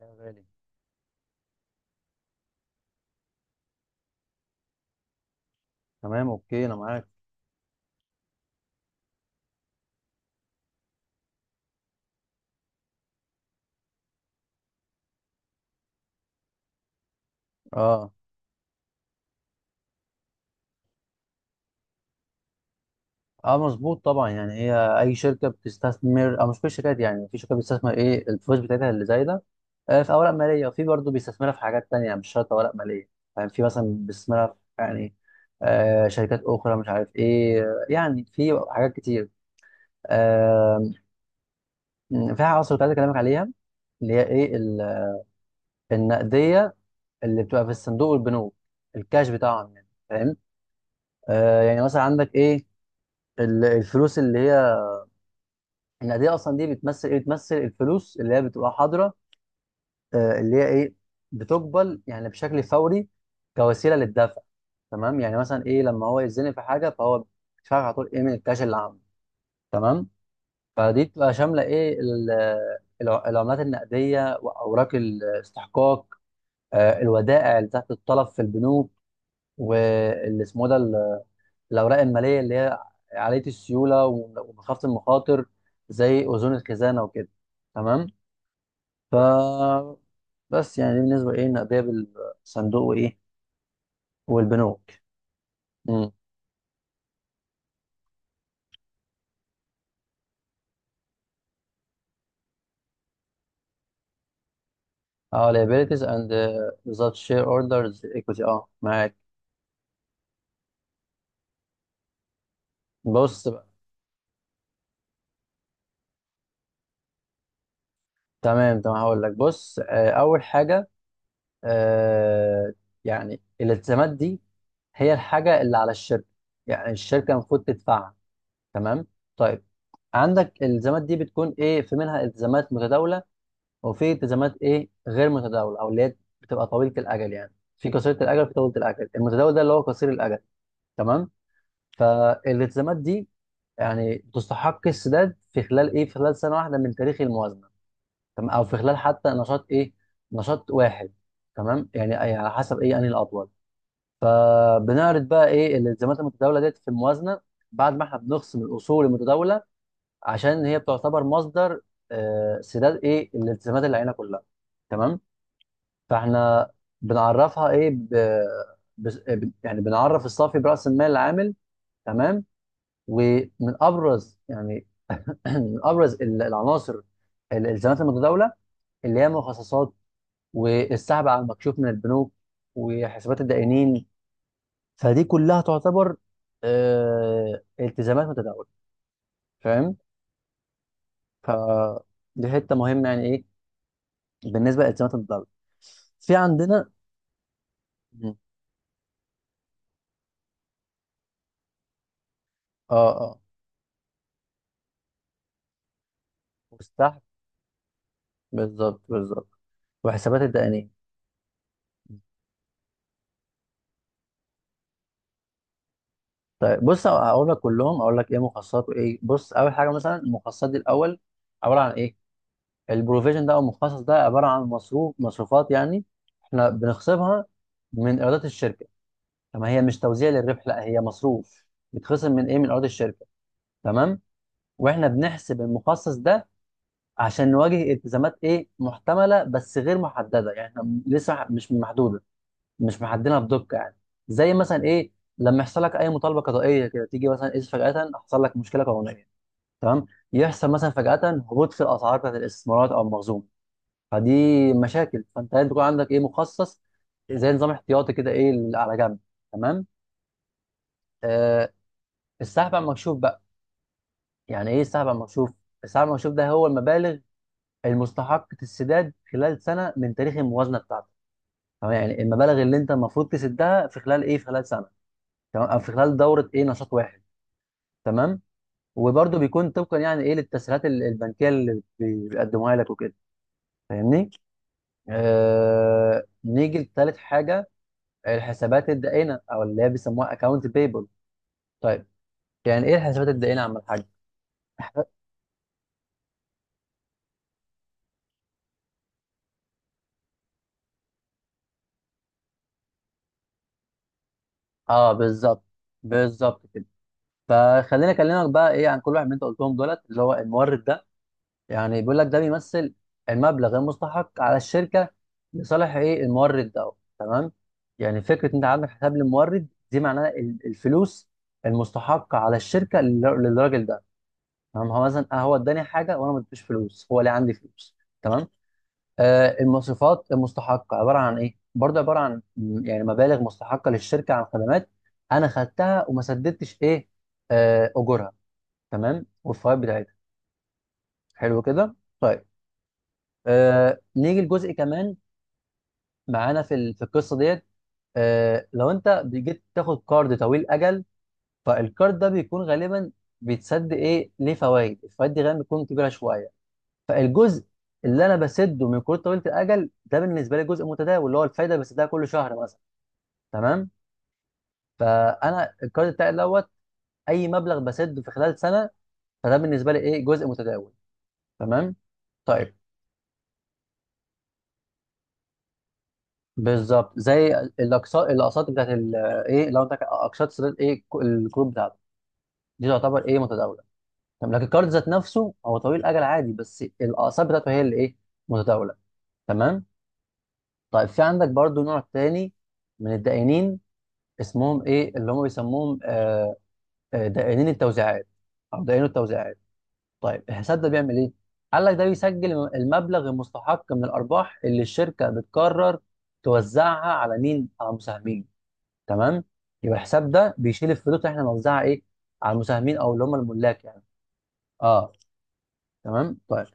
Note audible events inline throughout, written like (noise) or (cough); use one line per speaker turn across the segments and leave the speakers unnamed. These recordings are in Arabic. يا غالي. تمام، اوكي انا معاك. اه اه مظبوط طبعا، يعني هي اي شركه بتستثمر، او مش كل الشركات، يعني في شركه بتستثمر ايه الفلوس بتاعتها اللي زايده. في اوراق ماليه، وفي برضه بيستثمرها في حاجات تانية، مش شرط اوراق ماليه. يعني في مثلا بيستثمرها في يعني شركات اخرى، مش عارف ايه، يعني في حاجات كتير. آه م، في حاجه اصلا كنت عايز اكلمك عليها، اللي هي ايه النقديه اللي بتبقى في الصندوق والبنوك، الكاش بتاعهم يعني، فاهم؟ يعني مثلا عندك ايه الفلوس اللي هي النقديه، اصلا دي بتمثل ايه؟ بتمثل الفلوس اللي هي بتبقى حاضره، اللي هي ايه، بتقبل يعني بشكل فوري كوسيله للدفع. تمام، يعني مثلا ايه لما هو يتزنق في حاجه، فهو بيدفع على طول ايه من الكاش اللي عنده، تمام. فدي بتبقى شامله ايه العملات النقديه واوراق الاستحقاق، الودائع اللي تحت الطلب في البنوك، واللي اسمه ده الاوراق الماليه اللي هي عاليه السيوله ومخافه المخاطر، زي اذون الخزانه وكده، تمام. ف بس يعني دي بالنسبه ايه النقديه بالصندوق وايه والبنوك. امم اه، liabilities and بالظبط share orders equity، اه معاك. بص بقى. تمام تمام هقول لك، بص، اول حاجه، آه يعني الالتزامات دي هي الحاجه اللي على الشركه، يعني الشركه المفروض تدفعها، تمام. طيب عندك الالتزامات دي بتكون ايه، في منها التزامات متداوله، وفي التزامات ايه غير متداوله، او اللي هي بتبقى طويله الاجل، يعني في قصيره الاجل وفي طويله الاجل، المتداول ده اللي هو قصير الاجل، تمام. فالالتزامات دي يعني تستحق السداد في خلال ايه، في خلال سنه واحده من تاريخ الموازنه، تمام، او في خلال حتى نشاط ايه، نشاط واحد، تمام. يعني على حسب ايه انهي الاطول. فبنعرض بقى ايه الالتزامات المتداوله ديت في الموازنه، بعد ما احنا بنخصم الاصول المتداوله، عشان هي بتعتبر مصدر سداد ايه الالتزامات اللي علينا كلها، تمام. فاحنا بنعرفها ايه يعني بنعرف الصافي براس المال العامل، تمام. ومن ابرز يعني (clears throat) من ابرز العناصر الالتزامات المتداوله، اللي هي المخصصات، والسحب على المكشوف من البنوك، وحسابات الدائنين. فدي كلها تعتبر التزامات متداوله، فاهم. فدي حته مهمه يعني ايه بالنسبه لالتزامات الدوله. في عندنا مم. اه مستحق، بالظبط بالظبط، وحسابات الدقنيه. طيب بص اقول لك كلهم، اقول لك ايه مخصصات وايه، بص اول حاجه مثلا المخصصات دي الاول عباره عن ايه؟ البروفيجن ده او المخصص ده عباره عن مصروف، مصروفات يعني احنا بنخصمها من ايرادات الشركه. طب هي مش توزيع للربح، لا، هي مصروف بيتخصم من ايه، من ايرادات الشركه، تمام. واحنا بنحسب المخصص ده عشان نواجه التزامات ايه محتمله بس غير محدده، يعني احنا لسه مش محدوده، مش محددينها بدقه يعني. زي مثلا ايه لما يحصل لك اي مطالبه قضائيه كده، تيجي مثلا ايه فجاه حصل لك مشكله قانونيه، تمام، يحصل مثلا فجاه هبوط في الاسعار بتاعت الاستثمارات او المخزون. فدي مشاكل، فانت لازم يكون عندك ايه مخصص، زي نظام احتياطي كده، ايه اللي على جنب، تمام. آه، السحب على المكشوف بقى، يعني ايه السحب على المكشوف؟ السحب على المكشوف ده هو المبالغ المستحق السداد خلال سنه من تاريخ الموازنه بتاعتك، تمام. يعني المبالغ اللي انت المفروض تسدها في خلال ايه، في خلال سنه، تمام، او في خلال دوره ايه نشاط واحد، تمام. وبرده بيكون طبقا يعني ايه للتسهيلات البنكيه اللي بيقدموها لك وكده، فاهمني. نيجي لتالت حاجه، الحسابات الدائنه، او اللي هي بيسموها اكونت بيبل. طيب يعني ايه الحسابات الدائنه يا عم الحاج؟ اه بالظبط، بالظبط كده. فخليني اكلمك بقى ايه عن كل واحد من انت قلتهم دولت، اللي هو المورد. يعني بيقول لك ده بيمثل المبلغ المستحق على الشركه لصالح ايه المورد ده، تمام. يعني فكره انت عندك حساب للمورد دي، معناها الفلوس المستحقه على الشركه للراجل ده، تمام. هو مثلا آه، هو اداني حاجه وانا ما اديتوش فلوس، هو ليه عندي فلوس، تمام. آه المصروفات المستحقه عباره عن ايه؟ برضه عباره عن يعني مبالغ مستحقه للشركه عن خدمات انا خدتها، وما سددتش ايه آه اجورها، تمام، والفوائد بتاعتها. حلو كده، طيب. آه نيجي لجزء كمان معانا في في القصه ديت. آه لو انت جيت تاخد كارد طويل اجل، فالكارد ده بيكون غالبا بيتسد ايه، ليه فوائد، الفوائد دي غالبا بتكون كبيره شويه. فالجزء اللي انا بسده من كروت طويله الاجل ده بالنسبه لي جزء متداول، اللي هو الفايده بسدها كل شهر مثلا، تمام. فانا الكارد بتاعي دوت، اي مبلغ بسده في خلال سنه، فده بالنسبه لي ايه جزء متداول، تمام، طيب. بالظبط زي الاقساط بتاعت ايه لو انت اقساط سداد ايه الكروت بتاعته، دي تعتبر ايه متداوله، تمام. لكن الكارد ذات نفسه هو طويل الاجل عادي، بس الاقساط بتاعته هي اللي ايه متداوله، تمام. طيب في عندك برضو نوع تاني من الدائنين، اسمهم ايه اللي هم بيسموهم دائنين التوزيعات، او دائنين التوزيعات. طيب الحساب ده بيعمل ايه؟ قال لك ده بيسجل المبلغ المستحق من الارباح اللي الشركه بتقرر توزعها على مين، على المساهمين، تمام. يبقى الحساب ده بيشيل الفلوس اللي احنا بنوزعها ايه على المساهمين، او اللي هم الملاك يعني. اه تمام طيب.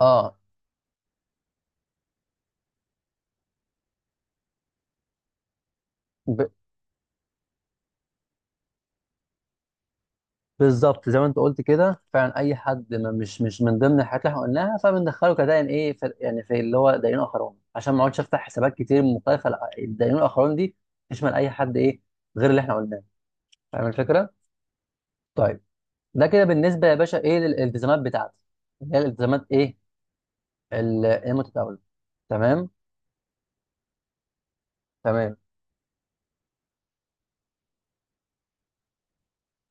اه ب... بالظبط زي ما انت قلت كده فعلا، اي حد ما مش مش من ضمن الحاجات اللي احنا قلناها، فبندخله كدائن ايه في... يعني في اللي هو دائنين اخرون، عشان ما اقعدش افتح حسابات كتير مختلفه. لا، الدائنين الاخرون دي تشمل اي حد ايه غير اللي احنا قلناه، فاهم الفكره. طيب ده كده بالنسبه يا باشا ايه للالتزامات بتاعتي، اللي هي الالتزامات ايه المتداوله، تمام تمام.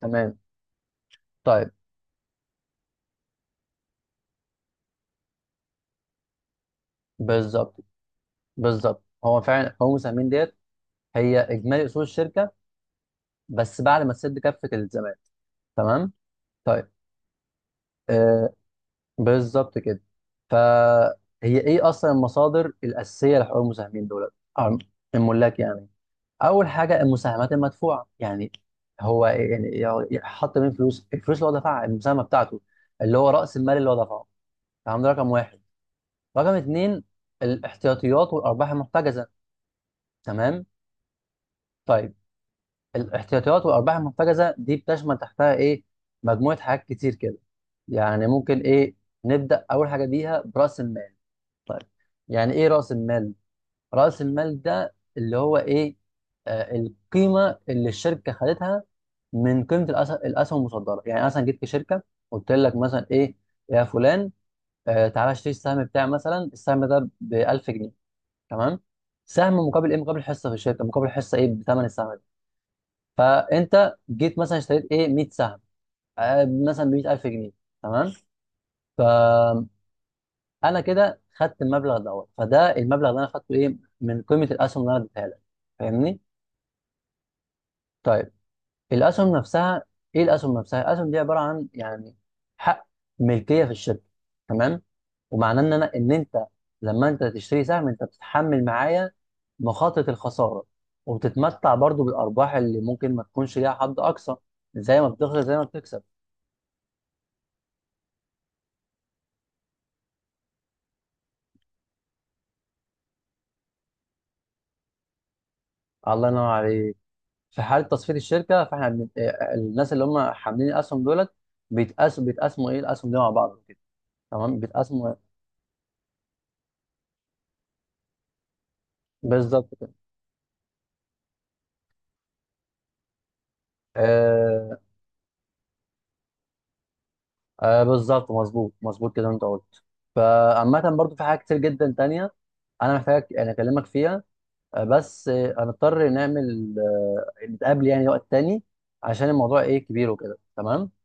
تمام طيب، بالظبط بالظبط. هو فعلا هو مساهمين ديت هي اجمالي اصول الشركه، بس بعد ما تسد كافه الالتزامات، تمام، طيب. آه بالظبط كده. فهي ايه اصلا المصادر الاساسيه لحقوق المساهمين دول أو الملاك يعني؟ اول حاجه المساهمات المدفوعه، يعني هو يعني يعني حط من الفلوس اللي هو دفعها المساهمه بتاعته، اللي هو راس المال اللي هو دفعه، تمام، ده رقم واحد. رقم اتنين الاحتياطيات والارباح المحتجزه، تمام، طيب. الاحتياطيات والارباح المحتجزه دي بتشمل تحتها ايه؟ مجموعه حاجات كتير كده. يعني ممكن ايه نبدا اول حاجه بيها براس المال، طيب. يعني ايه راس المال؟ راس المال ده اللي هو ايه، آه القيمه اللي الشركه خدتها من قيمه الاسهم المصدره. يعني مثلا جيت في شركه قلت لك مثلا ايه، يا فلان، آه تعالى اشتري السهم بتاعي، مثلا السهم ده ب 1000 جنيه، تمام، سهم مقابل ايه، مقابل حصه في الشركه، مقابل حصه ايه بثمن السهم. فانت جيت مثلا اشتريت ايه 100 سهم، مثلا ب 100,000 جنيه، تمام. فانا كده خدت المبلغ دوت، فده المبلغ اللي انا خدته ايه من قيمه الاسهم اللي انا اديتها لك، فاهمني، طيب. الاسهم نفسها، ايه الاسهم نفسها، الاسهم دي عباره عن يعني حق ملكيه في الشركه، تمام. ومعناه ان انا ان انت لما انت تشتري سهم، انت بتتحمل معايا مخاطره الخساره، وبتتمتع برضو بالارباح اللي ممكن ما تكونش ليها حد اقصى، زي ما بتخسر زي ما بتكسب. الله ينور عليك. في حاله تصفيه الشركه، فاحنا بن... آه، آه، الناس اللي هم حاملين الاسهم دولت بيتقاسموا ايه الاسهم دي مع بعض كده، تمام، بيتقاسموا، بالظبط كده. آه... آه بالظبط، مظبوط مظبوط كده انت قلت. فعامة برضو في حاجات كتير جدا تانية انا محتاج يعني اكلمك فيها، بس هنضطر نعمل نتقابل يعني وقت تاني، عشان الموضوع ايه كبير وكده، تمام.